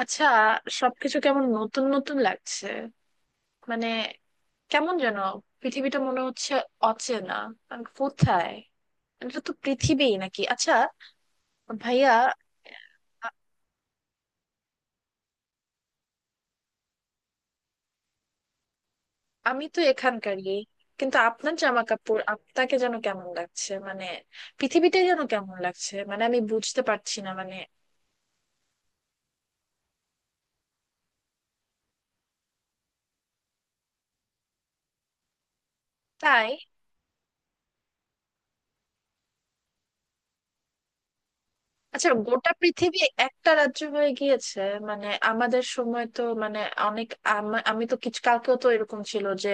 আচ্ছা, সবকিছু কেমন নতুন নতুন লাগছে। মানে কেমন যেন পৃথিবীটা মনে হচ্ছে অচেনা। আমি কোথায়? এটা তো পৃথিবী নাকি? আচ্ছা ভাইয়া, আ- আমি তো এখানকারই। কিন্তু আপনার জামা কাপড়, আপনাকে যেন কেমন লাগছে, মানে পৃথিবীটাই যেন কেমন লাগছে। মানে আমি বুঝতে পারছি না, মানে তাই। আচ্ছা গোটা পৃথিবী একটা রাজ্য হয়ে গিয়েছে? মানে আমাদের সময় তো, মানে অনেক, আমি তো কিছু, কালকেও তো এরকম ছিল যে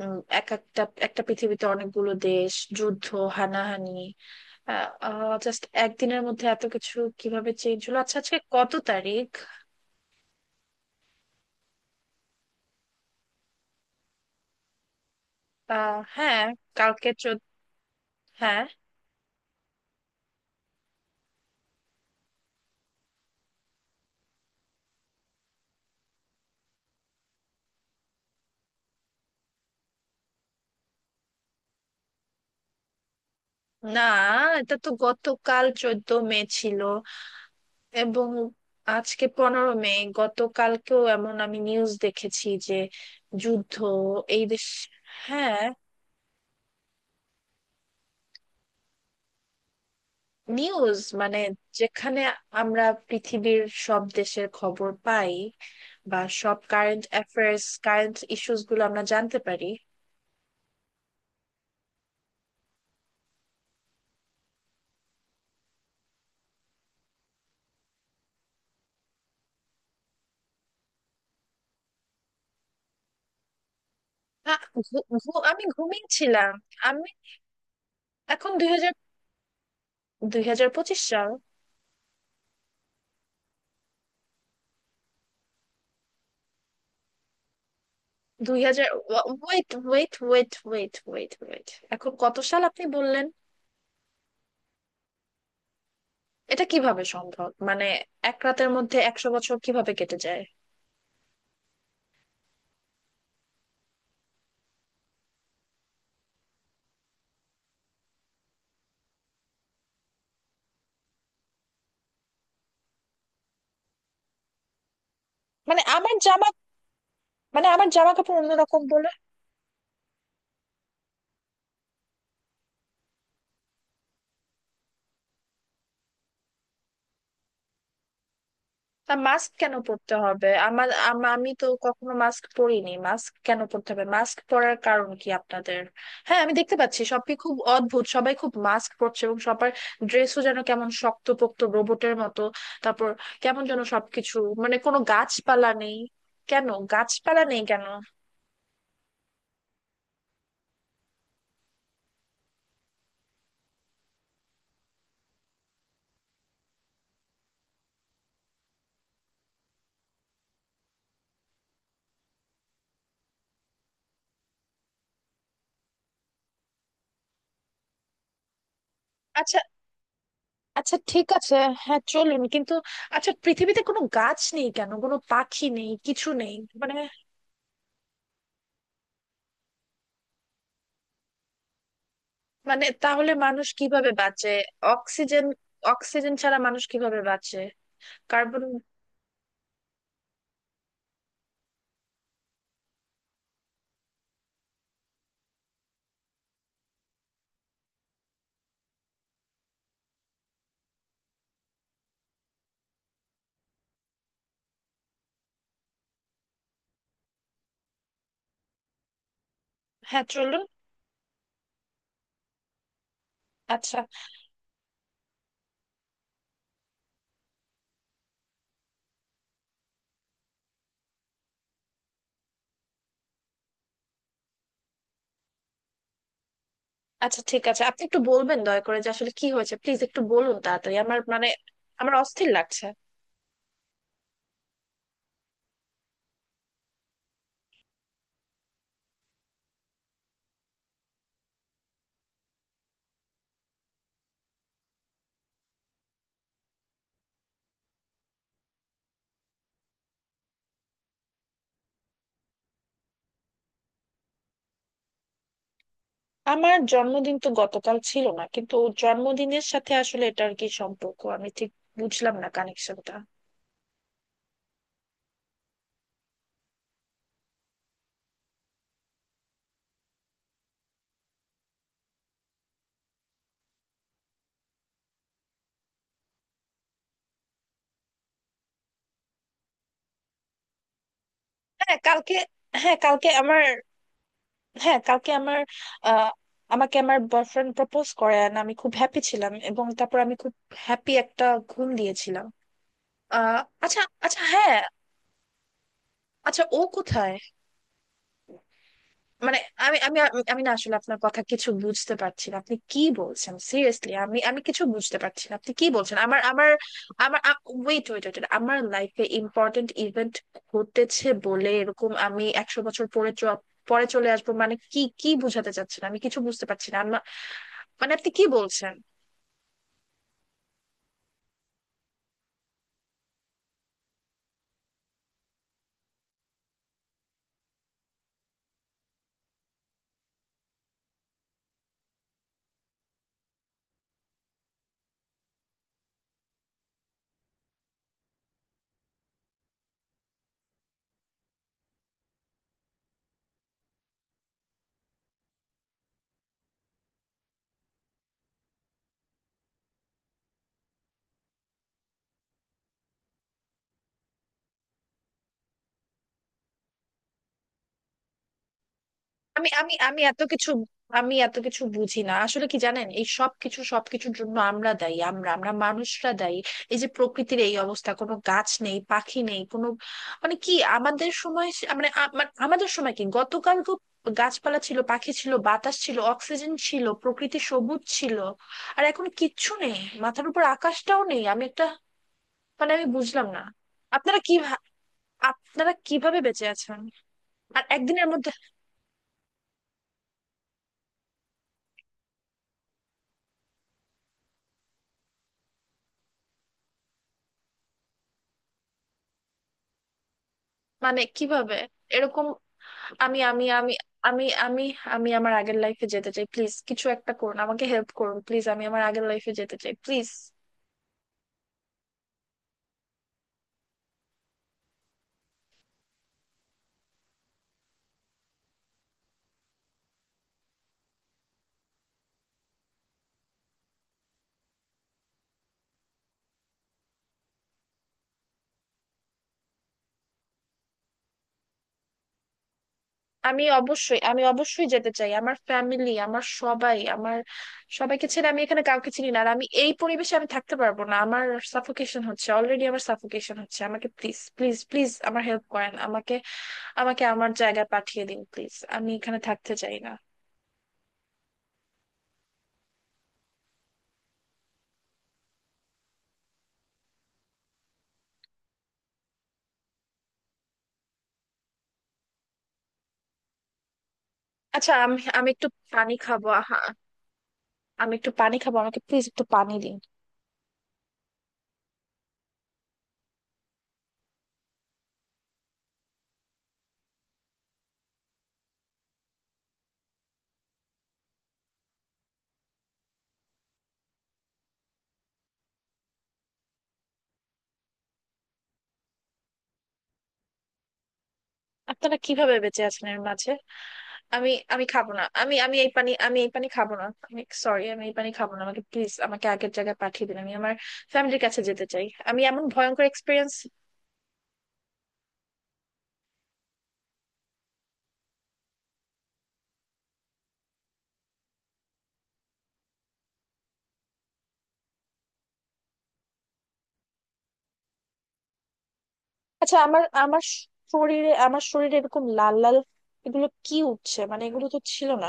উম, এক একটা একটা পৃথিবীতে অনেকগুলো দেশ, যুদ্ধ, হানাহানি। জাস্ট একদিনের মধ্যে এত কিছু কিভাবে চেঞ্জ হলো? আচ্ছা আজকে কত তারিখ? আহ হ্যাঁ, কালকে চোদ্দ। হ্যাঁ। না, এটা তো গতকাল 14 মে ছিল, এবং আজকে 15 মে। গতকালকেও এমন আমি নিউজ দেখেছি যে যুদ্ধ, এই দেশ। হ্যাঁ। নিউজ মানে যেখানে আমরা পৃথিবীর সব দেশের খবর পাই, বা সব কারেন্ট অ্যাফেয়ার্স, কারেন্ট ইস্যুস গুলো আমরা জানতে পারি। আ, আমি ঘুমিয়েছিলাম। আমি এখন 2025 সাল। দুই হাজার wait wait wait wait wait wait, এখন কত সাল আপনি বললেন? এটা কিভাবে সম্ভব? মানে এক রাতের মধ্যে 100 বছর কিভাবে কেটে যায়? মানে আমার জামা, মানে আমার জামা কাপড় অন্যরকম বলে? তা মাস্ক কেন পরতে হবে আমার? আমি তো কখনো মাস্ক পরিনি। মাস্ক কেন পরতে হবে? মাস্ক পরার কারণ কি আপনাদের? হ্যাঁ আমি দেখতে পাচ্ছি সবই খুব অদ্ভুত, সবাই খুব মাস্ক পরছে, এবং সবার ড্রেসও যেন কেমন শক্তপোক্ত রোবটের মতো। তারপর কেমন যেন সবকিছু, মানে কোনো গাছপালা নেই। কেন গাছপালা নেই, কেন? আচ্ছা। আচ্ছা ঠিক আছে। হ্যাঁ চলুন, কিন্তু আচ্ছা, পৃথিবীতে কোনো গাছ নেই কেন, কোনো পাখি নেই, কিছু নেই, মানে? মানে তাহলে মানুষ কিভাবে বাঁচে? অক্সিজেন, অক্সিজেন ছাড়া মানুষ কিভাবে বাঁচে? কার্বন। হ্যাঁ চলুন। আচ্ছা। আচ্ছা ঠিক আছে। আপনি একটু বলবেন দয়া করে যে আসলে কি হয়েছে, প্লিজ একটু বলুন তাড়াতাড়ি, আমার, মানে আমার অস্থির লাগছে। আমার জন্মদিন তো গতকাল ছিল না, কিন্তু জন্মদিনের সাথে আসলে এটার কি সম্পর্ক? আমি ঠিক বুঝলাম না কানেকশনটা। হ্যাঁ কালকে, হ্যাঁ কালকে আমার, হ্যাঁ কালকে আমার, আহ, আমাকে আমার বয়ফ্রেন্ড প্রপোজ করে and আমি খুব হ্যাপি ছিলাম, এবং তারপর আমি খুব হ্যাপি একটা ঘুম দিয়েছিলাম। আহ আচ্ছা। আচ্ছা হ্যাঁ। আচ্ছা ও কোথায়? মানে আমি আমি, আমি না আসলে আপনার কথা কিছু বুঝতে পারছি না, আপনি কি বলছেন সিরিয়াসলি? আমি আমি কিছু বুঝতে পারছি না আপনি কি বলছেন। আমার আমার আমার, ওয়েট ওয়েট ওয়েট, আমার লাইফে ইম্পর্টেন্ট ইভেন্ট ঘটেছে বলে এরকম আমি 100 বছর পরে পরে চলে আসবো, মানে কি, কি বোঝাতে চাচ্ছেন? আমি কিছু বুঝতে পারছি না, মানে আপনি কি বলছেন? আমি আমি আমি এত কিছু, এত কিছু বুঝি না আসলে, কি জানেন, এই সব কিছু, সবকিছুর জন্য আমরা দায়ী, আমরা আমরা মানুষরা দায়ী। এই যে প্রকৃতির এই অবস্থা, কোনো গাছ নেই, পাখি নেই, কোনো মানে কি? আমাদের সময় মানে আমাদের সময় কি, গতকাল তো গাছপালা ছিল, পাখি ছিল, বাতাস ছিল, অক্সিজেন ছিল, প্রকৃতি সবুজ ছিল। আর এখন কিচ্ছু নেই, মাথার উপর আকাশটাও নেই। আমি একটা, মানে আমি বুঝলাম না। আপনারা কি ভা- আপনারা কিভাবে বেঁচে আছেন? আর একদিনের মধ্যে মানে কিভাবে এরকম? আমি আমি আমি আমি আমি আমি আমার আগের লাইফে যেতে চাই প্লিজ, কিছু একটা করুন, আমাকে হেল্প করুন প্লিজ, আমি আমার আগের লাইফে যেতে চাই প্লিজ। আমি অবশ্যই, আমি অবশ্যই যেতে চাই, আমার ফ্যামিলি, আমার সবাই, আমার সবাইকে ছেড়ে আমি এখানে কাউকে চিনি না, আর আমি এই পরিবেশে আমি থাকতে পারবো না। আমার সাফোকেশন হচ্ছে, অলরেডি আমার সাফোকেশন হচ্ছে, আমাকে প্লিজ প্লিজ প্লিজ আমার হেল্প করেন, আমাকে, আমাকে আমার জায়গায় পাঠিয়ে দিন প্লিজ, আমি এখানে থাকতে চাই না। আচ্ছা, আমি আমি একটু পানি খাবো। আমি একটু পানি খাবো, আমাকে প্লিজ একটু পানি দিন। আপনারা কিভাবে বেঁচে আছেন এর মাঝে? আমি আমি খাবো না, আমি আমি এই পানি, আমি এই পানি খাবো না, আমি সরি, আমি এই পানি খাবো না। আমাকে প্লিজ, আমাকে আগের জায়গায় পাঠিয়ে দিন, আমি আমার ফ্যামিলির কাছে যেতে চাই। আমি এমন ভয়ঙ্কর এক্সপিরিয়েন্স। আচ্ছা, আমার আমার শরীরে, আমার শরীরে এরকম লাল লাল এগুলো কি উঠছে? মানে এগুলো তো ছিল না।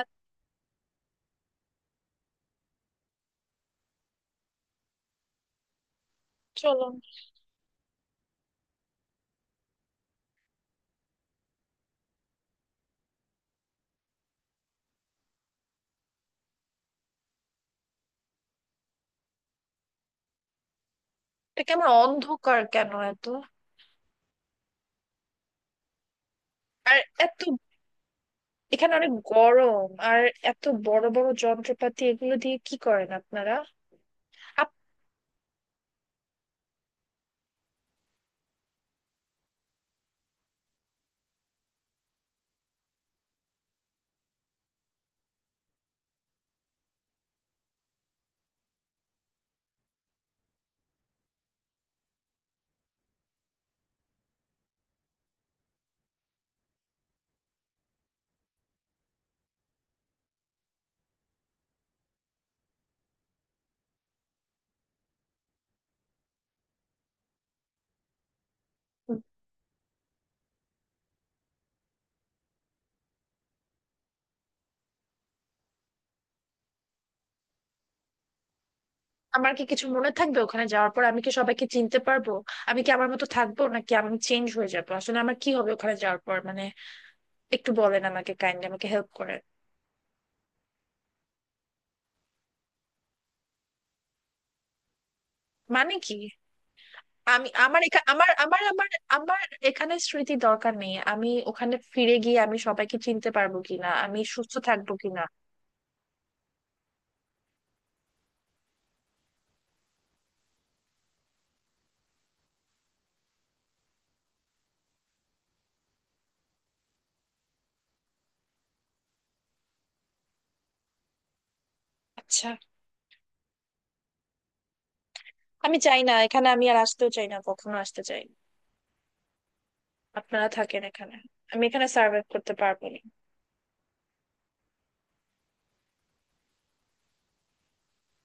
আহ, চলো। এটা কেমন অন্ধকার কেন এত? আর এত, এখানে অনেক গরম। আর এত বড় বড় যন্ত্রপাতি, এগুলো দিয়ে কি করেন আপনারা? আপ- আমার কি কিছু মনে থাকবে ওখানে যাওয়ার পর? আমি কি সবাইকে চিনতে পারবো? আমি কি আমার মতো থাকবো, নাকি আমি চেঞ্জ হয়ে যাবো আসলে? আমার কি হবে ওখানে যাওয়ার পর, মানে একটু বলেন আমাকে, কাইন্ডলি আমাকে হেল্প করেন। মানে কি? আমি আমার এখা- আমার আমার আমার আমার এখানে স্মৃতি দরকার নেই। আমি ওখানে ফিরে গিয়ে আমি সবাইকে চিনতে পারবো কিনা, আমি সুস্থ থাকবো কিনা? আচ্ছা, আমি চাই না, এখানে আমি আর আসতেও চাই না, কখনো আসতে চাই না। আপনারা থাকেন এখানে, আমি এখানে সার্ভাইভ করতে পারবো না।